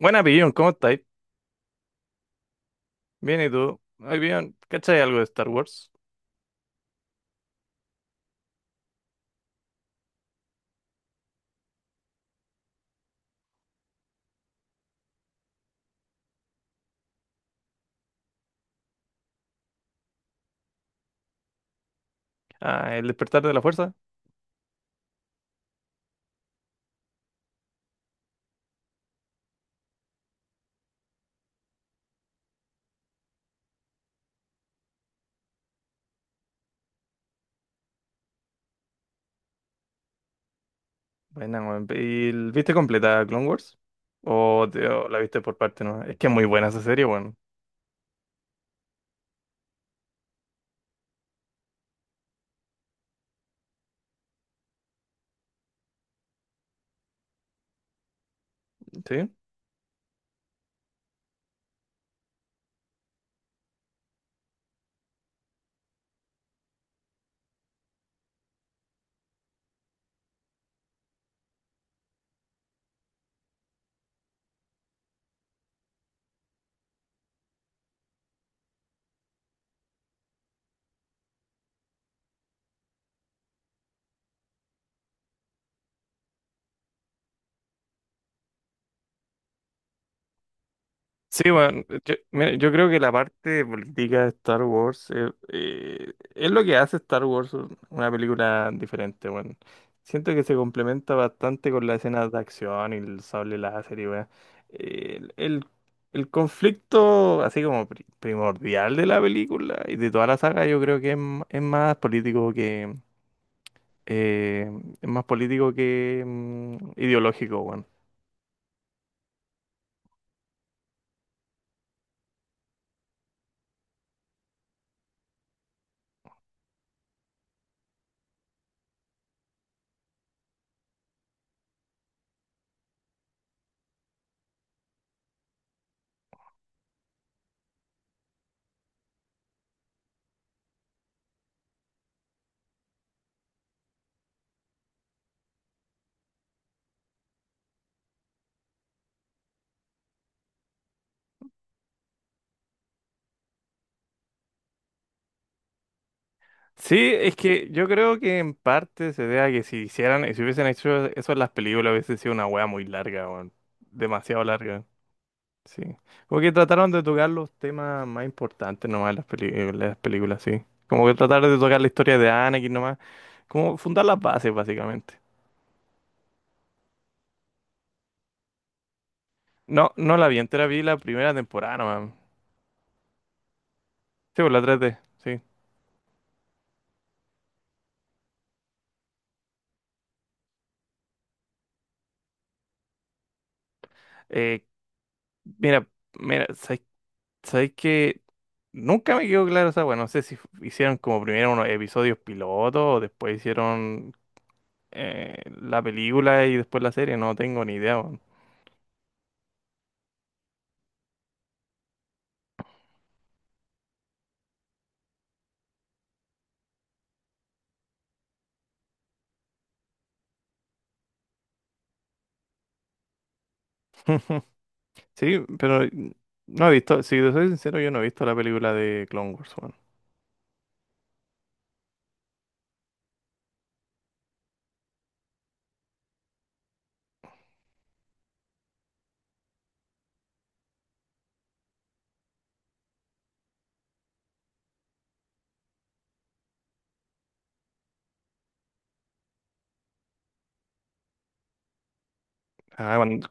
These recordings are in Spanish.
Buena, Pillón, ¿cómo estáis? Bien, ¿y tú? Ay, bien, ¿cachai algo de Star Wars? Ah, el despertar de la fuerza. Buena, weón. ¿Y viste completa Clone Wars? ¿O, o la viste por parte, no? Es que es muy buena esa serie, weón. ¿Sí? Sí, bueno, yo, mira, yo creo que la parte de política de Star Wars es lo que hace Star Wars una película diferente, bueno. Siento que se complementa bastante con las escenas de acción y el sable láser y weón. El, el, el conflicto así como primordial de la película y de toda la saga yo creo que es, es más político que eh, es más político que ideológico, weón. Sí, es que yo creo que en parte se debe a que si hicieran, si hubiesen hecho eso en las películas, hubiese sido una wea muy larga, weón. Demasiado larga. Sí. Como que trataron de tocar los temas más importantes nomás en las películas, sí. Como que trataron de tocar la historia de Anakin nomás. Como fundar las bases, básicamente. No, no la vi entera, vi la primera temporada nomás. Sí, pues la 3D, sí. Eh, mira, mira, ¿sabes Sabéis que nunca me quedó claro? O sea, bueno, no sé si hicieron como primero unos episodios pilotos o después hicieron la película y después la serie, no tengo ni idea, weón. Sí, pero no he visto, si te soy sincero, yo no he visto la película de Clone Wars, weón. Ah, cuando-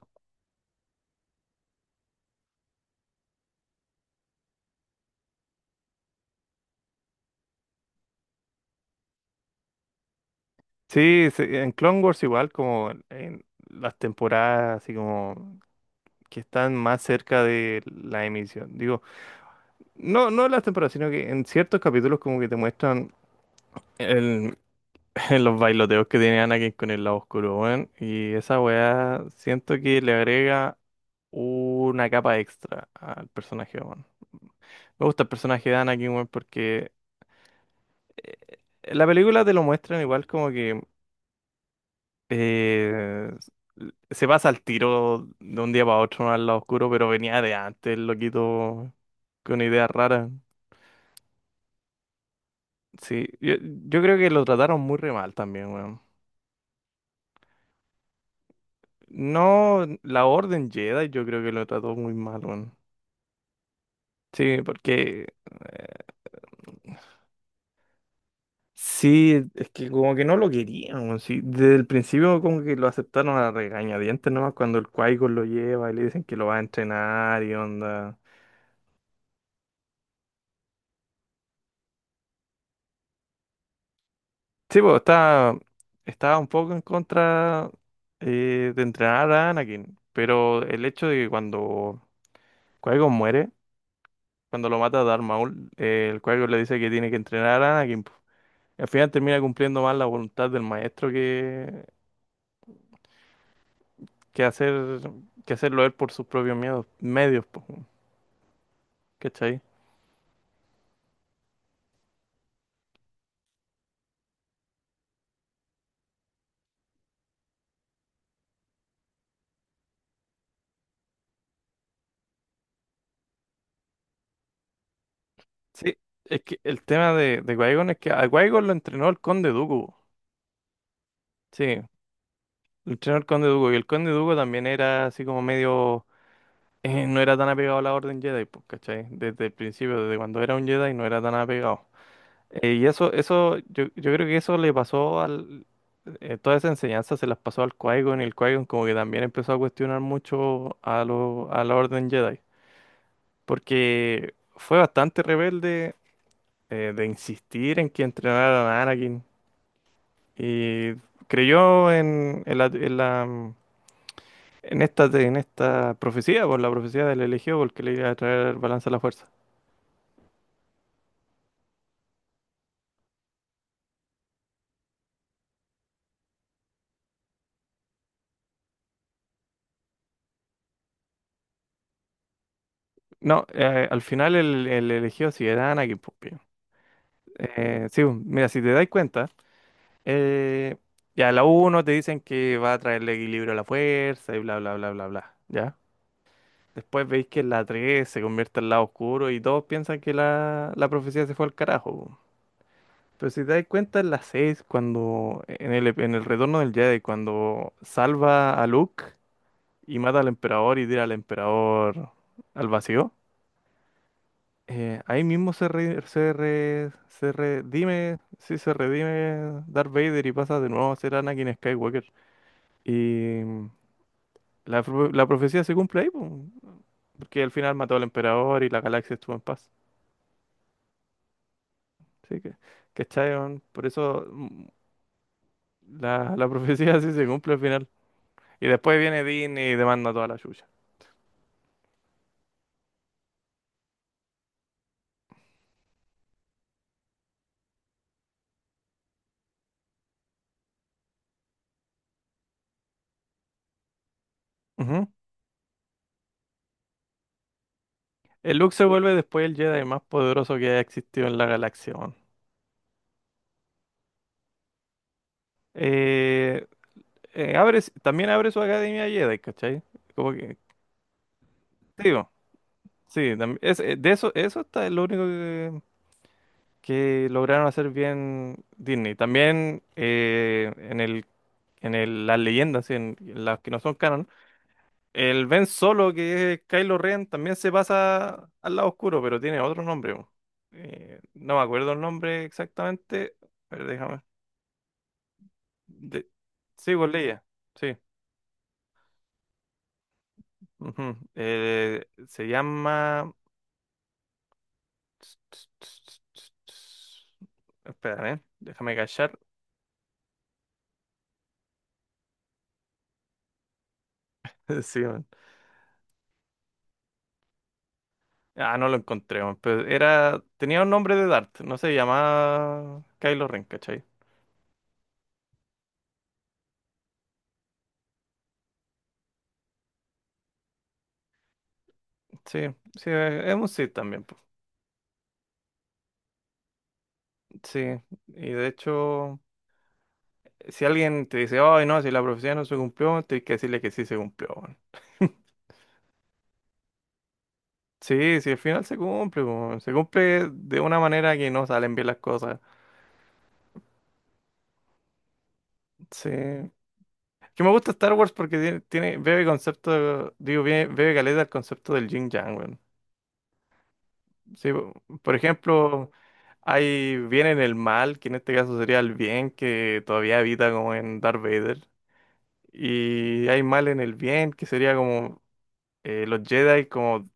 sí, sí, en Clone Wars igual como en las temporadas así como que están más cerca de la emisión. Digo, no, no las temporadas, sino que en ciertos capítulos como que te muestran. Los bailoteos que tiene Anakin con el lado oscuro, weón. Y esa weá siento que le agrega una capa extra al personaje, weón. Me gusta el personaje de Anakin, weón, porque eh, en la película te lo muestran igual como que eh, se pasa al tiro de un día para otro, ¿no?, al lado oscuro, pero venía de antes, el loquito, con ideas raras. Sí, yo creo que lo trataron muy re mal también, weón. No, la Orden Jedi yo creo que lo trató muy mal, weón. Sí, porque sí, es que como que no lo querían, sí. Desde el principio como que lo aceptaron a regañadientes nomás cuando el qui lo lleva y le dicen que lo va a entrenar y onda. Sí, pues estaba un poco en contra de entrenar a Anakin, pero el hecho de que cuando qui muere, cuando lo mata Darth Maul, el qui le dice que tiene que entrenar a Anakin, po. Al final termina cumpliendo más la voluntad del maestro que hacer que hacerlo él por sus propios miedos, medios, po, weón, ¿cachai? Sí, es que el tema de Qui-Gon es que a qui lo entrenó el Conde Dooku, sí, lo entrenó el Conde Dooku, y el Conde Dooku también era así como medio, no era tan apegado a la Orden Jedi, pues, ¿cachai? Desde el principio, desde cuando era un Jedi, no era tan apegado. Y eso, eso, yo creo que eso le pasó al... toda esa enseñanza se las pasó al Qui-Gon y el Qui-Gon como que también empezó a cuestionar mucho a la Orden Jedi. Porque fue bastante rebelde de insistir en que entrenaran a Anakin y creyó en esta profecía, por la profecía del elegido, porque le iba a traer balance a la fuerza. No, al final el elegido sí era Anakin, pues, pío. Sí, pues, mira, si te das cuenta, eh, ya la uno te dicen que va a traerle equilibrio a la fuerza y bla, bla, bla, bla, bla, ¿ya? Después veis que la 3 se convierte al lado oscuro y todos piensan que la profecía se fue al carajo, po. Pero si te das cuenta, en la 6 cuando en el retorno del Jedi, cuando salva a Luke y mata al emperador y tira al emperador al vacío, ahí mismo se redime, sí, se redime Darth Vader y pasa de nuevo a ser Anakin Skywalker. Y la profecía se cumple ahí, po, porque al final mató al emperador y la galaxia estuvo en paz. Sí, que, ¿cachai, weón? Por eso la, la profecía sí se cumple al final. Y después viene Disney y demanda toda la chucha. Ujú. El Luke se vuelve después el Jedi más poderoso que ha existido en la galaxia, weón. Eh, también abre su academia Jedi, ¿cachai? Como que, sí, weón. Sí, de eso, eso está es lo único que lograron hacer bien Disney. También en el, las leyendas, en las que no son canon, el Ben Solo, que es Kylo Ren, también se pasa al lado oscuro, pero tiene otro nombre, po. No me acuerdo el nombre exactamente. A ver, déjame. De... Sí, pues leía. Sí. Ujú. Se llama. Espera, ¿eh? Déjame callar. Sí, man. Ah, no lo encontré, man. Pero era. Tenía un nombre de Dart. No se llamaba Kylo Ren, ¿cachai? Sí, sí, es un Sith también, po. Sí. Y de hecho. Si alguien te dice, ay, no, si la profecía no se cumplió, tienes que decirle que sí se cumplió, weón. Sí, sí, al final se cumple, weón. Se cumple de una manera que no salen bien las cosas. Sí. Que me gusta Star Wars porque bebe caleta el concepto del yin yang, weón. Sí, por ejemplo, hay bien en el mal, que en este caso sería el bien, que todavía habita como en Darth Vader. Y hay mal en el bien, que sería como los Jedi como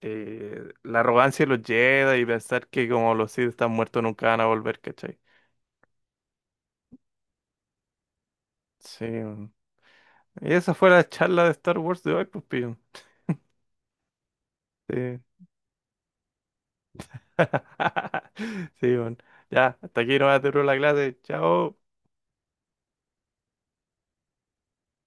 la arrogancia de los Jedi y pensar que como los Sith están muertos nunca van a volver, ¿cachai? Sí, weón. Y esa fue la charla de Star Wars de hoy, pues, pillo. Sí. Sí, bueno. Ya, hasta aquí nomás te la clase. Chao.